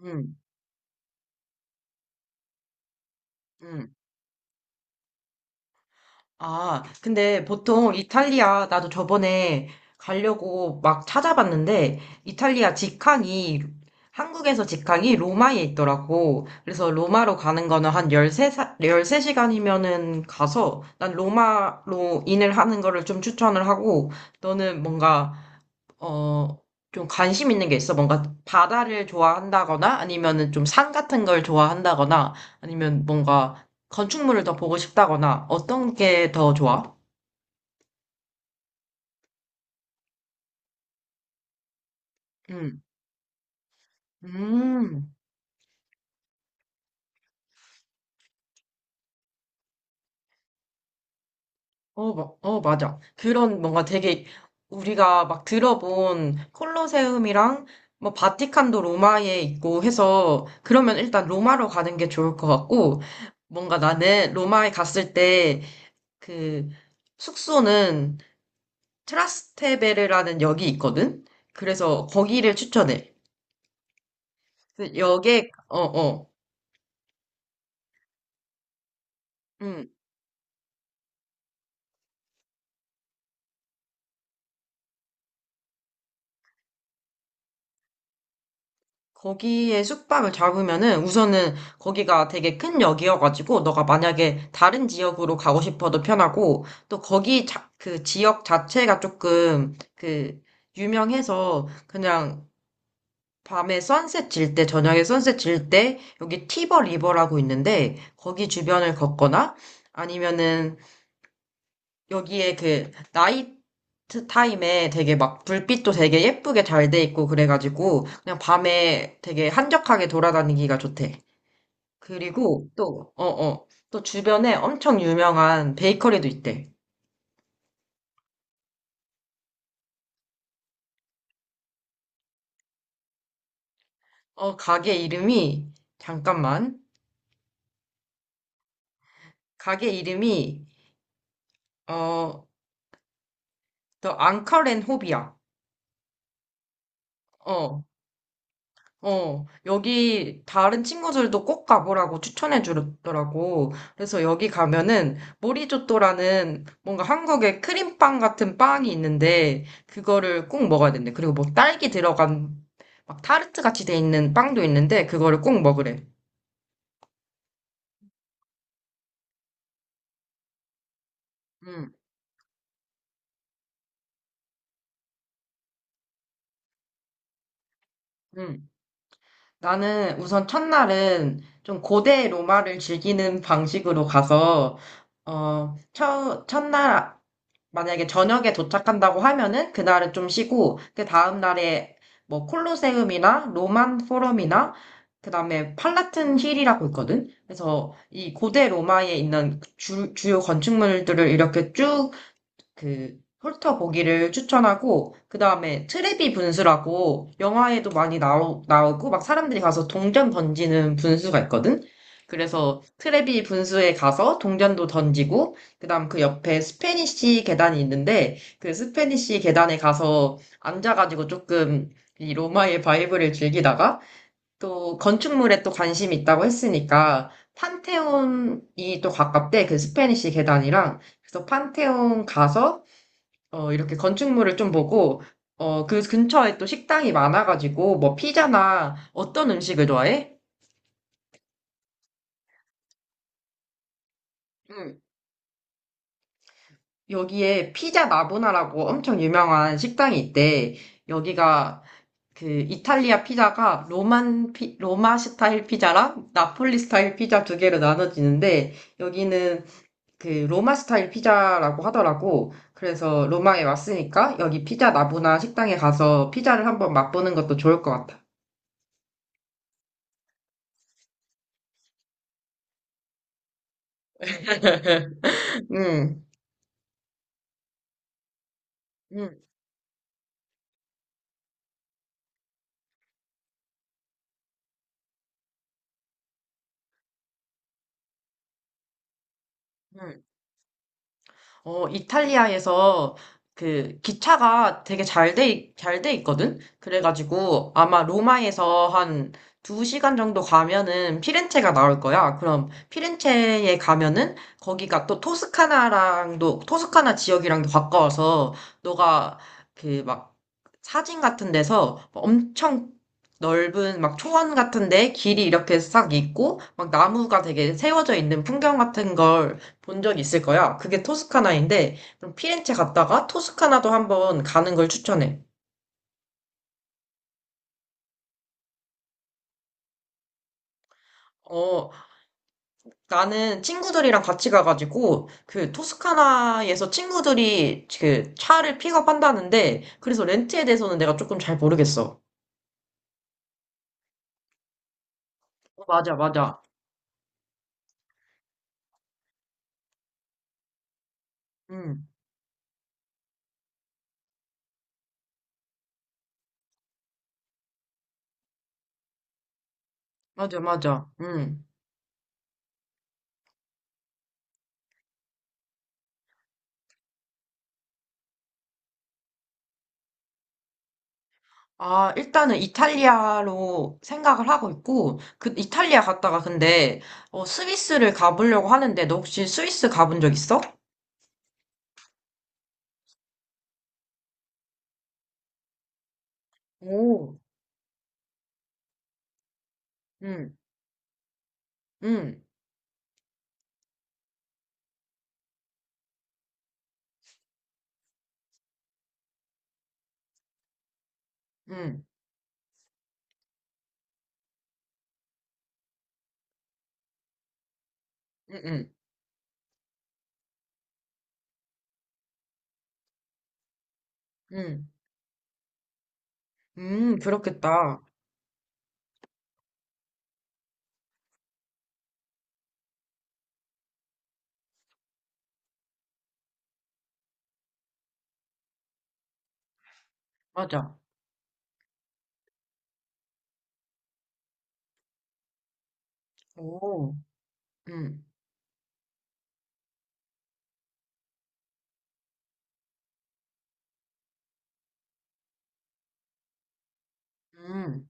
음, 음. 아, 근데 보통 이탈리아, 나도 저번에 가려고 막 찾아봤는데, 이탈리아 직항이, 한국에서 직항이 로마에 있더라고. 그래서 로마로 가는 거는 한 13시간이면은 가서, 난 로마로 인을 하는 거를 좀 추천을 하고, 너는 뭔가 어, 좀 관심 있는 게 있어? 뭔가 바다를 좋아한다거나 아니면은 좀 산 같은 걸 좋아한다거나 아니면 뭔가 건축물을 더 보고 싶다거나 어떤 게 더 좋아? 음, 음, 맞아. 그런 뭔가 되게 우리가 막 들어본 콜로세움이랑 뭐 바티칸도 로마에 있고 해서 그러면 일단 로마로 가는 게 좋을 것 같고, 뭔가 나는 로마에 갔을 때 그 숙소는 트라스테베르라는 역이 있거든? 그래서 거기를 추천해. 그래서 역에, 음, 거기에 숙박을 잡으면은 우선은 거기가 되게 큰 역이어가지고 너가 만약에 다른 지역으로 가고 싶어도 편하고, 또 거기 그 지역 자체가 조금 그 유명해서 그냥 밤에 선셋 질 때, 저녁에 선셋 질때 여기 티버 리버라고 있는데 거기 주변을 걷거나 아니면은 여기에 그 나이트 타임에 되게 막 불빛도 되게 예쁘게 잘 돼 있고, 그래가지고 그냥 밤에 되게 한적하게 돌아다니기가 좋대. 그리고 또, 또 주변에 엄청 유명한 베이커리도 있대. 어, 가게 이름이, 잠깐만. 가게 이름이, 어, 더 앙카렌 호비야. 어, 여기 다른 친구들도 꼭 가보라고 추천해 주더라고. 그래서 여기 가면은 모리조또라는 뭔가 한국의 크림빵 같은 빵이 있는데 그거를 꼭 먹어야 된대. 그리고 뭐 딸기 들어간 막 타르트 같이 돼 있는 빵도 있는데 그거를 꼭 먹으래. 음, 음. 나는 우선 첫날은 좀 고대 로마를 즐기는 방식으로 가서 어, 첫날 만약에 저녁에 도착한다고 하면은 그날은 좀 쉬고 그 다음 날에 뭐 콜로세움이나 로만 포럼이나 그다음에 팔라튼 힐이라고 있거든. 그래서 이 고대 로마에 있는 주요 건축물들을 이렇게 쭉 그 훑어보기를 추천하고, 그 다음에 트레비 분수라고 영화에도 많이 나오고 막 사람들이 가서 동전 던지는 분수가 있거든. 그래서 트레비 분수에 가서 동전도 던지고 그다음 그 옆에 스페니쉬 계단이 있는데 그 스페니쉬 계단에 가서 앉아가지고 조금 이 로마의 바이브를 즐기다가, 또 건축물에 또 관심이 있다고 했으니까 판테온이 또 가깝대, 그 스페니쉬 계단이랑. 그래서 판테온 가서 어, 이렇게 건축물을 좀 보고, 어, 그 근처에 또 식당이 많아가지고, 뭐, 피자나 어떤 음식을 좋아해? 응. 여기에 피자 나보나라고 엄청 유명한 식당이 있대. 여기가 그 이탈리아 피자가 로마 스타일 피자랑 나폴리 스타일 피자 두 개로 나눠지는데, 여기는 그 로마 스타일 피자라고 하더라고. 그래서 로마에 왔으니까 여기 피자 나보나 식당에 가서 피자를 한번 맛보는 것도 좋을 것 같아. 응. 음, 음. 어, 이탈리아에서 그 기차가 되게 잘돼 있거든? 그래가지고 아마 로마에서 한 두 시간 정도 가면은 피렌체가 나올 거야. 그럼 피렌체에 가면은 거기가 또 토스카나 지역이랑도 가까워서 너가 그 막 사진 같은 데서 뭐 엄청 넓은 막 초원 같은데 길이 이렇게 싹 있고 막 나무가 되게 세워져 있는 풍경 같은 걸 본 적 있을 거야. 그게 토스카나인데, 그럼 피렌체 갔다가 토스카나도 한번 가는 걸 추천해. 어, 나는 친구들이랑 같이 가가지고, 그 토스카나에서 친구들이 그 차를 픽업한다는데, 그래서 렌트에 대해서는 내가 조금 잘 모르겠어. 어, 맞아, 맞아. 음. 맞아, 맞아. 음. 아, 일단은 이탈리아로 생각을 하고 있고, 그 이탈리아 갔다가 근데, 어, 스위스를 가보려고 하는데, 너 혹시 스위스 가본 적 있어? 오. 음. 응, 응, 응, 응, 응. 그렇겠다. 맞아. 오, 응, 응.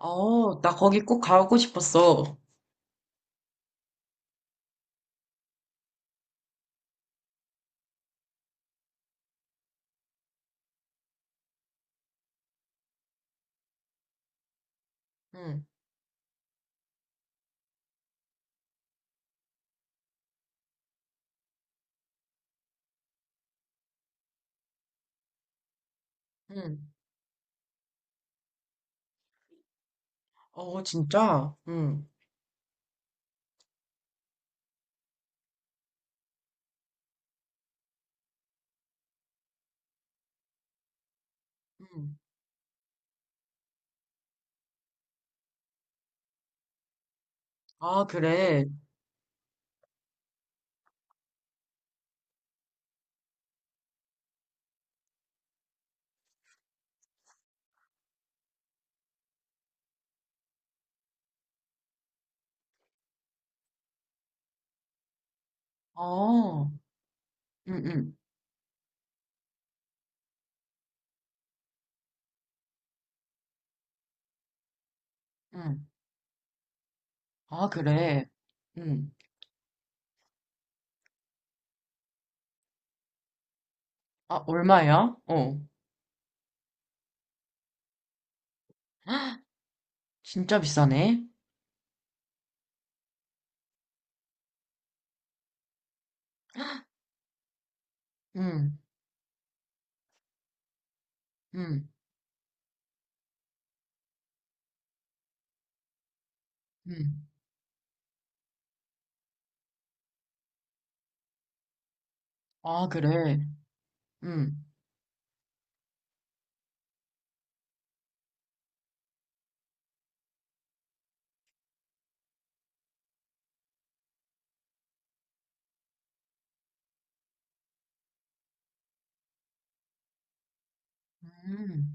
어, 나 거기 꼭 가고 싶었어. 응, 응. 어, 진짜? 응, 응. 아, 그래. 어, 응, 응, 응. 아, 그래. 응. 아, 얼마야? 어, 진짜 비싸네. 응, 응, 응. 아, 그래. 응, 응.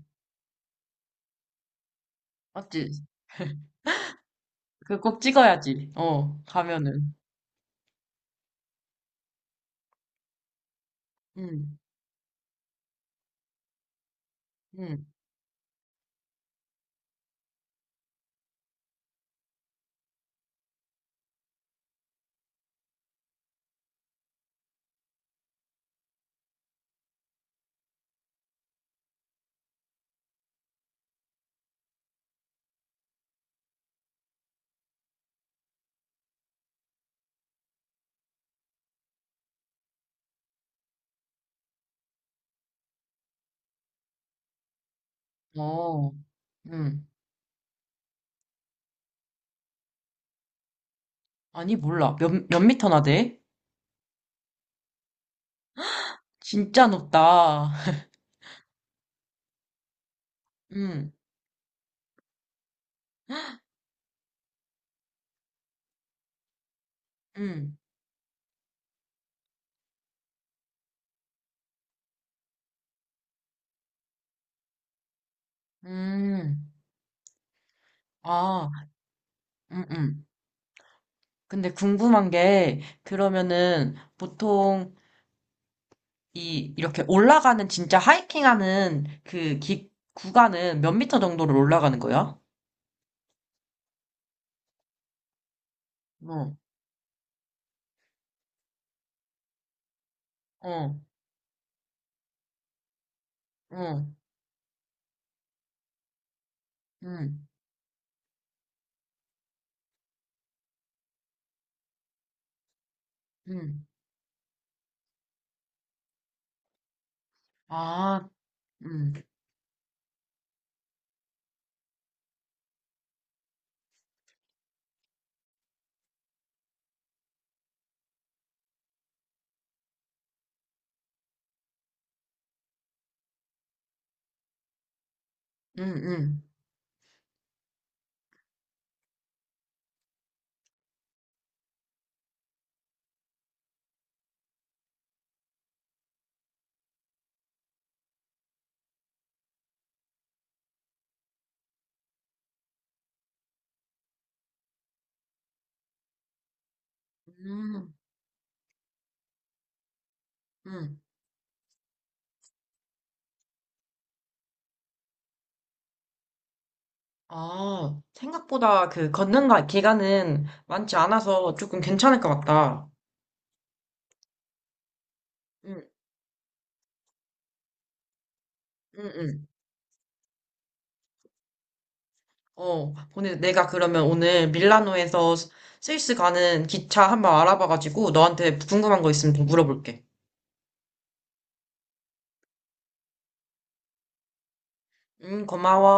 맞지? 그 꼭 찍어야지. 어, 가면은. 응. 응, 어, 응. 아니, 몰라. 몇, 몇 미터나 돼? 진짜 높다. 응, 응, 응. 아, 응, 응. 근데 궁금한 게, 그러면은, 보통, 이, 이렇게 올라가는, 진짜 하이킹 하는 구간은 몇 미터 정도를 올라가는 거야? 어, 어, 어, 응, 응. 아, 응, 응, 응. 응, 응. 아, 생각보다 그 걷는 날 기간은 많지 않아서 조금 괜찮을 것 같다. 응, 응, 응. 어, 오늘 내가 그러면 오늘 밀라노에서 스위스 가는 기차 한번 알아봐가지고 너한테 궁금한 거 있으면 좀 물어볼게. 응, 고마워.